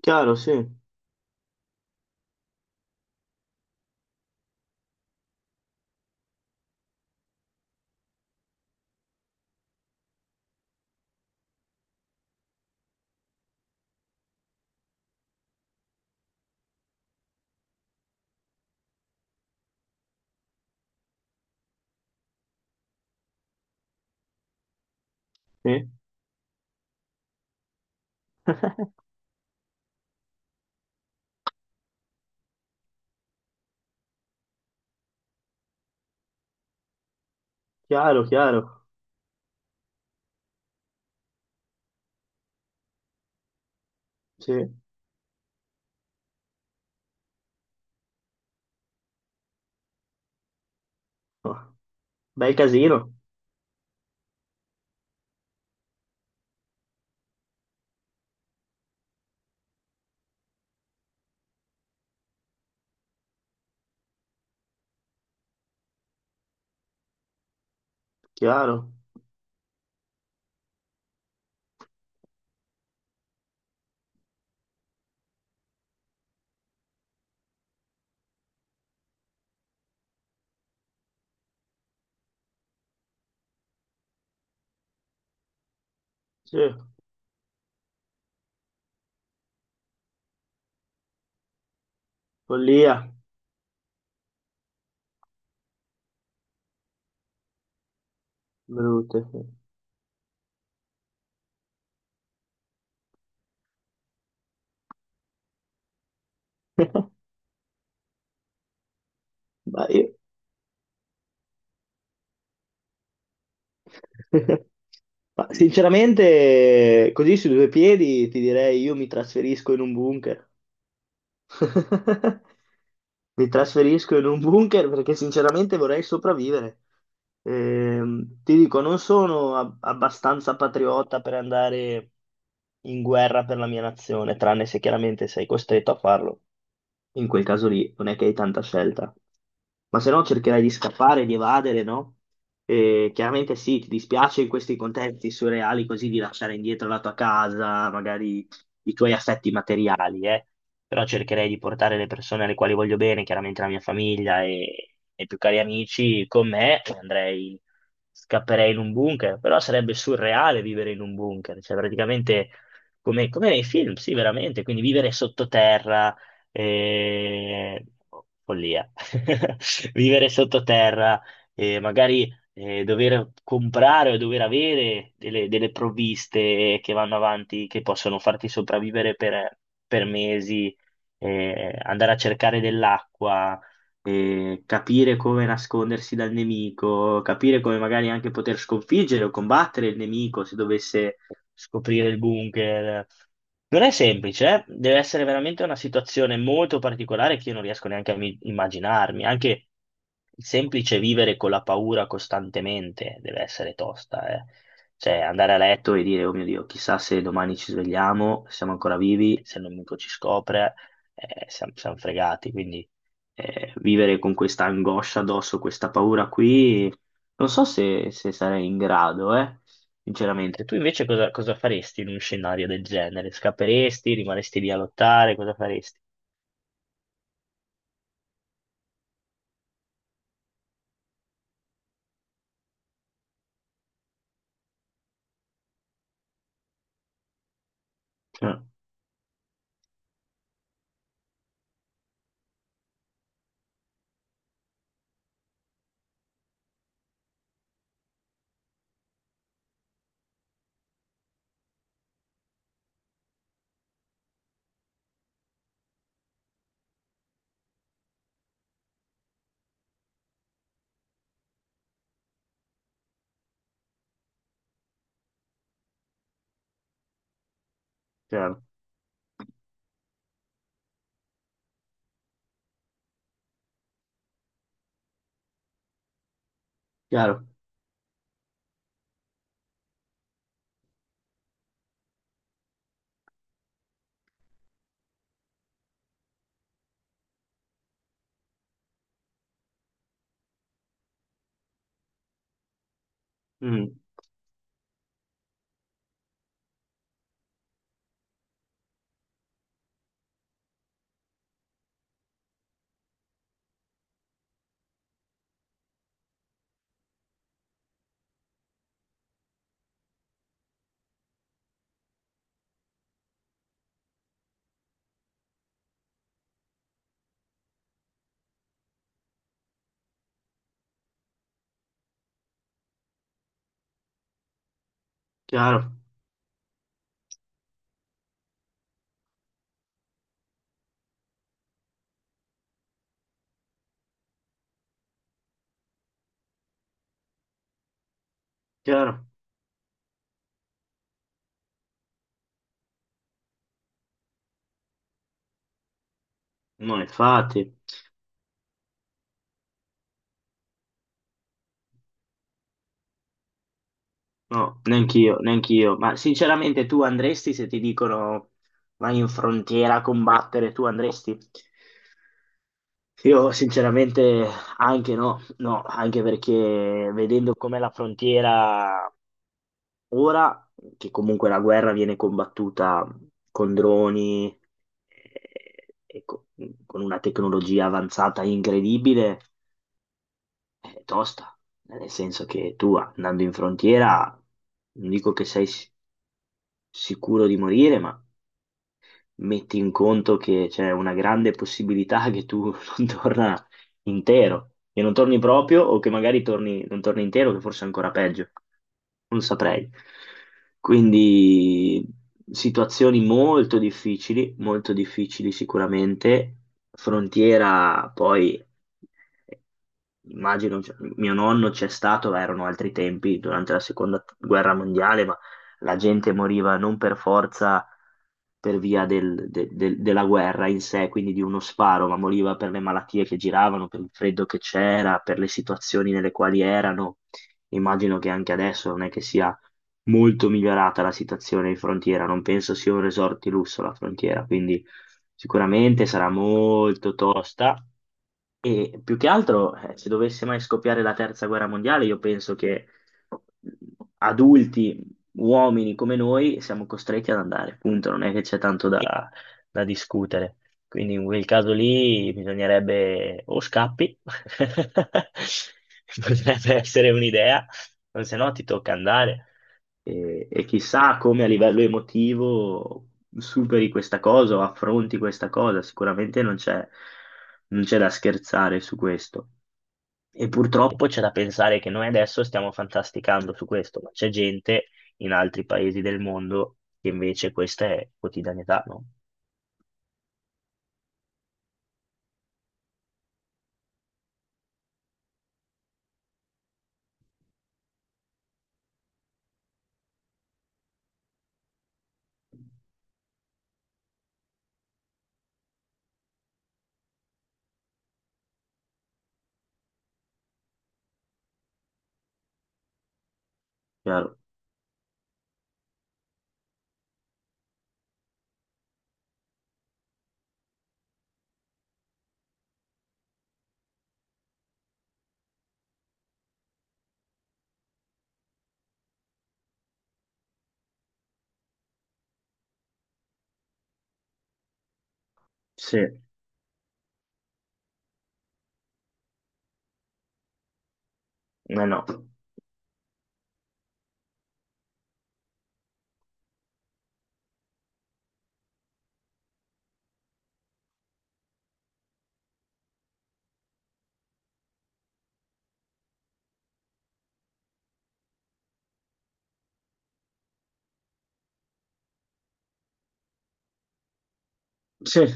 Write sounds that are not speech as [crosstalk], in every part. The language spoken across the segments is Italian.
Chiaro, sì, sì. [laughs] Chiaro, chiaro, sì. Oh. Bel casino, chiaro, sì. Follia, brutte, sì. Ma io... [laughs] Ma sinceramente, così su due piedi ti direi io mi trasferisco in un bunker. [laughs] Mi trasferisco in un bunker perché sinceramente vorrei sopravvivere. Ti dico, non sono abbastanza patriota per andare in guerra per la mia nazione, tranne se chiaramente sei costretto a farlo. In quel caso lì non è che hai tanta scelta. Ma se no cercherai di scappare, di evadere, no? E chiaramente sì, ti dispiace in questi contesti surreali così di lasciare indietro la tua casa, magari i tuoi assetti materiali, eh? Però cercherei di portare le persone alle quali voglio bene, chiaramente la mia famiglia e i più cari amici con me, e andrei, scapperei in un bunker, però sarebbe surreale vivere in un bunker, cioè praticamente come, come nei film, sì, veramente, quindi vivere sottoterra, eh, follia. [laughs] Vivere sottoterra, magari dover comprare o dover avere delle provviste che vanno avanti, che possono farti sopravvivere per mesi, andare a cercare dell'acqua e capire come nascondersi dal nemico, capire come magari anche poter sconfiggere o combattere il nemico se dovesse scoprire il bunker. Non è semplice, eh. Deve essere veramente una situazione molto particolare che io non riesco neanche a immaginarmi. Anche il semplice vivere con la paura costantemente deve essere tosta, eh. Cioè, andare a letto e dire, oh mio Dio, chissà se domani ci svegliamo, siamo ancora vivi, se il nemico ci scopre, siamo fregati. Quindi vivere con questa angoscia addosso, questa paura qui, non so se, se sarei in grado, sinceramente. Tu invece cosa, cosa faresti in un scenario del genere? Scapperesti? Rimaresti lì a lottare? Cosa faresti? Eh, Chiaro, chiaro. Mm, chiaro, chiaro. No, infatti, no, neanch'io, neanch'io. Ma sinceramente tu andresti se ti dicono vai in frontiera a combattere, tu andresti? Io sinceramente anche no, no, anche perché vedendo com'è la frontiera ora, che comunque la guerra viene combattuta con droni, eh, e co- con una tecnologia avanzata incredibile, è tosta, nel senso che tu andando in frontiera, non dico che sei sicuro di morire, ma metti in conto che c'è una grande possibilità che tu [laughs] non torna intero, che non torni proprio o che magari torni, non torni intero, che forse è ancora peggio, non saprei. Quindi situazioni molto difficili sicuramente, frontiera poi immagino, cioè, mio nonno c'è stato, ma erano altri tempi durante la seconda guerra mondiale, ma la gente moriva non per forza per via della guerra in sé, quindi di uno sparo, ma moriva per le malattie che giravano, per il freddo che c'era, per le situazioni nelle quali erano. Immagino che anche adesso non è che sia molto migliorata la situazione in frontiera, non penso sia un resort di lusso la frontiera, quindi sicuramente sarà molto tosta e più che altro, se dovesse mai scoppiare la terza guerra mondiale, io penso che adulti, uomini come noi, siamo costretti ad andare, punto, non è che c'è tanto da, da discutere. Quindi in quel caso lì bisognerebbe o scappi, [laughs] potrebbe essere un'idea, o se no ti tocca andare. E chissà come a livello emotivo superi questa cosa o affronti questa cosa, sicuramente non c'è da scherzare su questo. E purtroppo c'è da pensare che noi adesso stiamo fantasticando su questo, ma c'è gente in altri paesi del mondo che invece questa è quotidianità, no? Chiaro? Sì, eh, no. Sì, è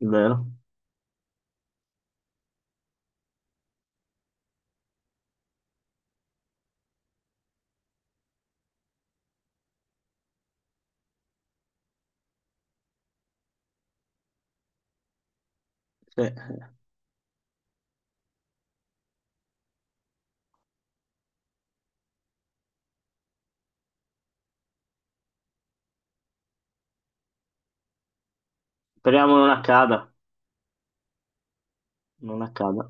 vero. Sì. Speriamo non accada, non accada.